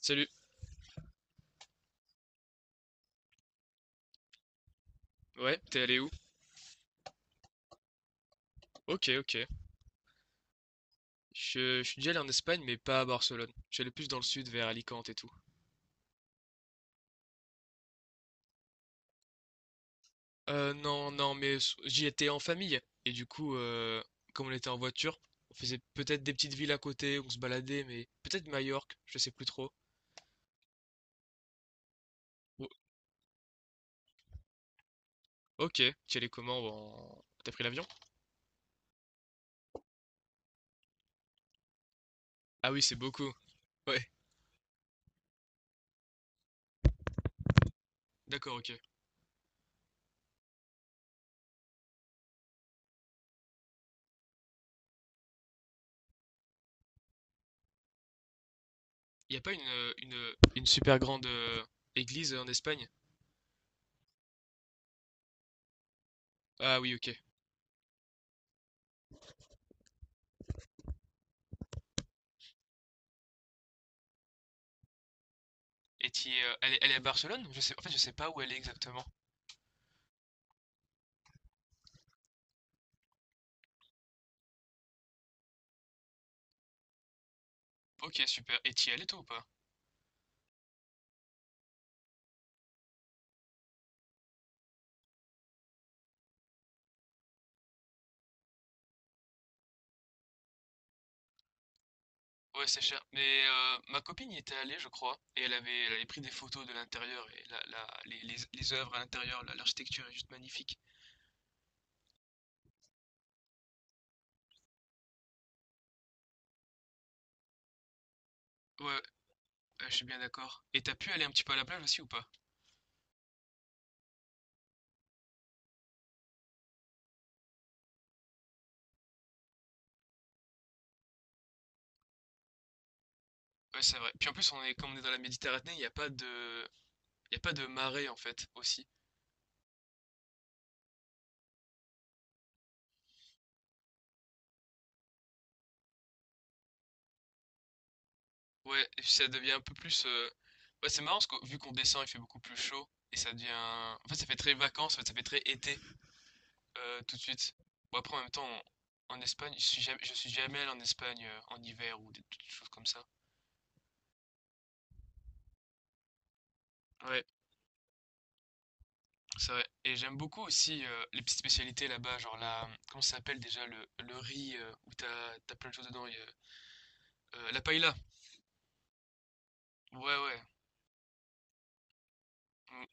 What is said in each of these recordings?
Salut. Ouais, t'es allé où? Ok, ok. Je suis déjà allé en Espagne, mais pas à Barcelone. J'allais plus dans le sud, vers Alicante et tout. Non, non, mais j'y étais en famille. Et du coup, comme on était en voiture, on faisait peut-être des petites villes à côté, on se baladait, mais peut-être Majorque, je sais plus trop. Ou- ok, t'y allais comment? T'as pris l'avion? Ah oui, c'est beaucoup. Ouais, d'accord, ok. Y a pas une, une super grande église en Espagne? Ah oui, ok. Et elle est à Barcelone? Je sais, en fait, je sais pas où elle est exactement. Ok, super. Et t'y es allé toi ou pas? Ouais, c'est cher. Mais ma copine y était allée, je crois, et elle avait pris des photos de l'intérieur, et les œuvres à l'intérieur, l'architecture est juste magnifique. Ouais, ouais, je suis bien d'accord. Et t'as pu aller un petit peu à la plage aussi ou pas? Ouais, c'est vrai. Puis en plus, on est, comme on est dans la Méditerranée, il y a pas de marée en fait, aussi. Ouais, et puis ça devient un peu plus. Ouais, c'est marrant, parce que vu qu'on descend, il fait beaucoup plus chaud, et ça devient... En fait, ça fait très vacances, en fait, ça fait très été. Tout de suite. Bon, après, en même temps, en, Espagne, je suis jamais allé en Espagne en hiver ou des, toutes choses comme ça. Ouais, c'est vrai. Et j'aime beaucoup aussi les petites spécialités là-bas, genre la, comment ça s'appelle déjà, le riz où t'as, t'as plein de choses dedans. La paella. Ouais, ouais. Mm,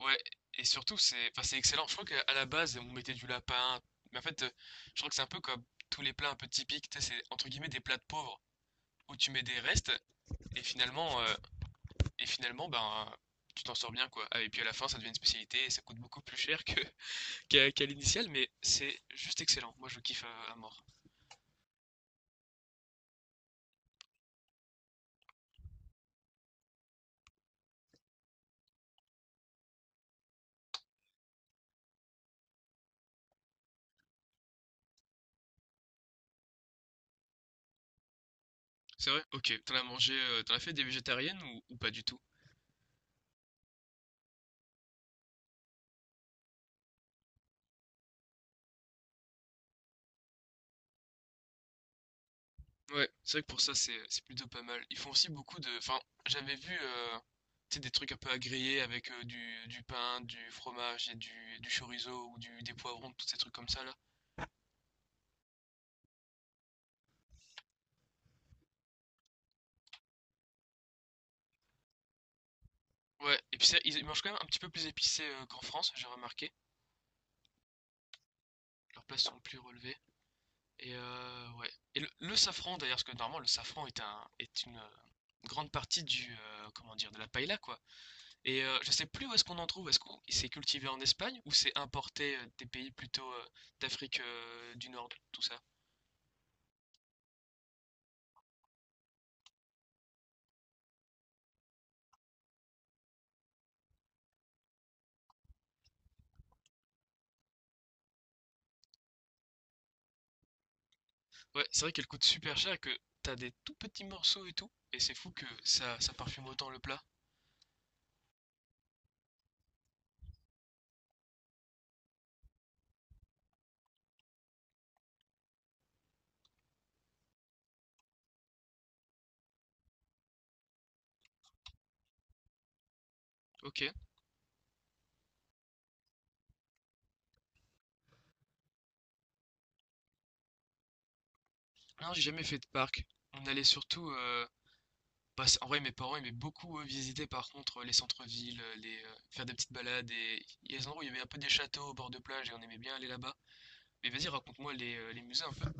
ouais. Et surtout, c'est, enfin, c'est excellent. Je crois qu'à à la base, on mettait du lapin. Mais en fait, je crois que c'est un peu comme tous les plats un peu typiques. Tu sais, c'est entre guillemets des plats de pauvres où tu mets des restes et finalement, ben, tu t'en sors bien, quoi. Ah, et puis à la fin, ça devient une spécialité et ça coûte beaucoup plus cher que qu'à l'initiale, mais c'est juste excellent. Moi, je kiffe à mort. C'est vrai? Ok. T'en as mangé, t'en as fait des végétariennes ou pas du tout? Ouais, c'est vrai que pour ça, c'est plutôt pas mal. Ils font aussi beaucoup de. Enfin, j'avais vu tu sais, des trucs un peu à griller avec du pain, du fromage et du chorizo ou des poivrons, tous ces trucs comme ça, là. Ouais, et puis ça, ils mangent quand même un petit peu plus épicé qu'en France, j'ai remarqué. Leurs plats sont plus relevés. Et ouais. Et le safran d'ailleurs, parce que normalement le safran est un est une grande partie du comment dire de la paella quoi. Et je sais plus où est-ce qu'on en trouve. Est-ce qu'on c'est cultivé en Espagne ou c'est importé des pays plutôt d'Afrique du Nord, tout ça. Ouais, c'est vrai qu'elle coûte super cher et que t'as des tout petits morceaux et tout. Et c'est fou que ça parfume autant le plat. Ok. Non, j'ai jamais fait de parc. On allait surtout bah, en vrai, mes parents aimaient beaucoup visiter par contre les centres-villes, faire des petites balades et il y a des endroits où il y avait un peu des châteaux au bord de plage et on aimait bien aller là-bas. Mais vas-y, raconte-moi les musées un peu.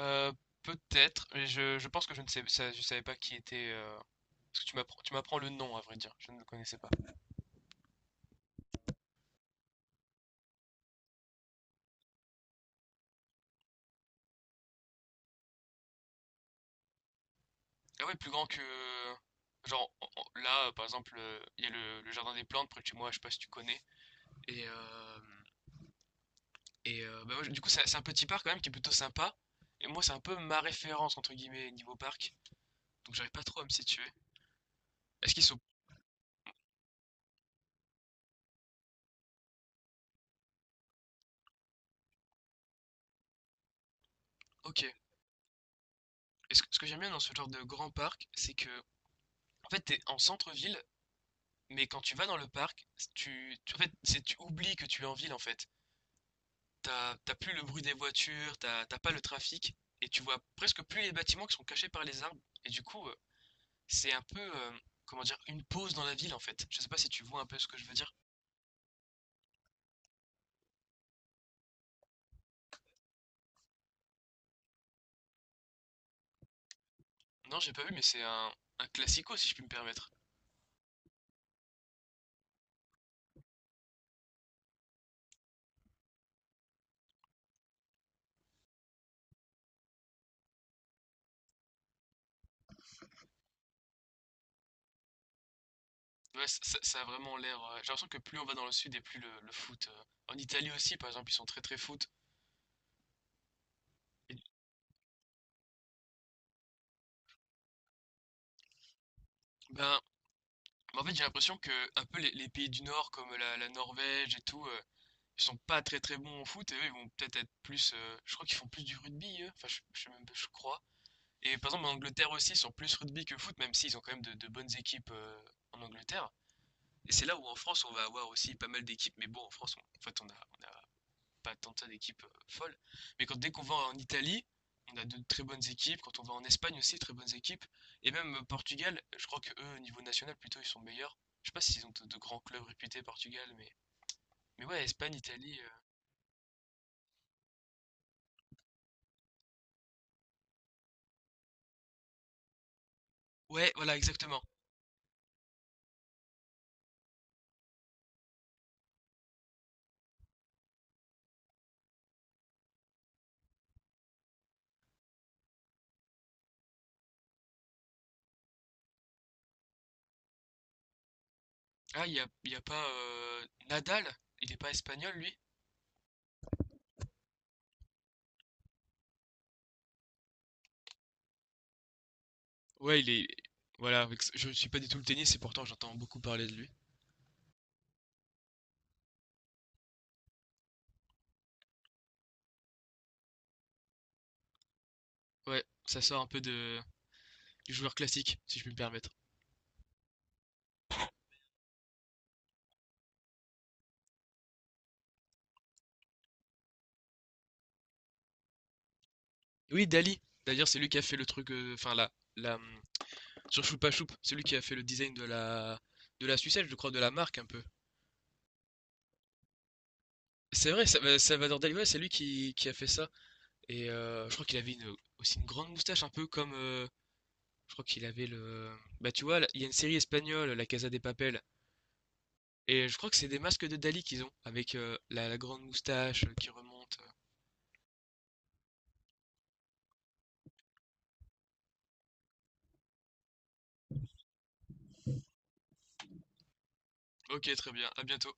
Euh, Peut-être, mais je pense que je ne sais, ça- je savais pas qui était. Parce que tu m'apprends le nom à vrai dire, je ne le connaissais pas. Ah ouais, plus grand que. Genre là, par exemple, il y a le jardin des plantes près de chez moi, je sais pas si tu connais. Et euh, Bah, moi, du coup, c'est un petit parc quand même qui est plutôt sympa. Et moi, c'est un peu ma référence, entre guillemets, niveau parc. Donc, j'arrive pas trop à me situer. Est-ce qu'ils sont... Ok. Et ce que j'aime bien dans ce genre de grand parc, c'est que, en fait, t'es en centre-ville, mais quand tu vas dans le parc, en fait, tu oublies que tu es en ville, en fait. T'as plus le bruit des voitures, t'as pas le trafic, et tu vois presque plus les bâtiments qui sont cachés par les arbres. Et du coup, c'est un peu, comment dire, une pause dans la ville, en fait. Je sais pas si tu vois un peu ce que je veux dire. Non, j'ai pas vu, mais c'est un classico, si je puis me permettre. Ouais, ça a vraiment l'air. J'ai l'impression que plus on va dans le sud et plus le foot. En Italie aussi, par exemple, ils sont très très foot. Et, ben, en fait, j'ai l'impression que un peu les pays du Nord, comme la Norvège et tout, ils sont pas très très bons au foot et eux, ils vont peut-être être plus. Je crois qu'ils font plus du rugby, eux. Enfin, je sais même pas, je crois. Et par exemple, en Angleterre aussi, ils sont plus rugby que foot, même s'ils ont quand même de bonnes équipes en Angleterre. Et c'est là où en France, on va avoir aussi pas mal d'équipes, mais bon, en France, on- en fait, on a pas tant que ça d'équipes folles. Mais quand, dès qu'on va en Italie, on a de très bonnes équipes. Quand on va en Espagne aussi, très bonnes équipes. Et même Portugal, je crois que eux, au niveau national, plutôt, ils sont meilleurs. Je sais pas s'ils ont de grands clubs réputés, Portugal, mais. Mais ouais, Espagne, Italie. Ouais, voilà, exactement. Ah, il y a pas Nadal? Il est pas espagnol, lui? Ouais, il est. Voilà, je ne suis pas du tout le tennis et pourtant j'entends beaucoup parler de lui. Ouais, ça sort un peu de... du joueur classique, si je puis me permettre. Oui, Dali. D'ailleurs, c'est lui qui a fait le truc, enfin, la, hum, sur Choupa Choup, celui qui a fait le design de la sucette, je crois, de la marque un peu. C'est vrai, Salvador Dali, ouais, c'est lui qui a fait ça. Et je crois qu'il avait aussi une grande moustache, un peu comme. Je crois qu'il avait le. Bah, tu vois, là, il y a une série espagnole, La Casa des Papel. Et je crois que c'est des masques de Dali qu'ils ont, avec la, la grande moustache qui remonte. Ok, très bien, à bientôt.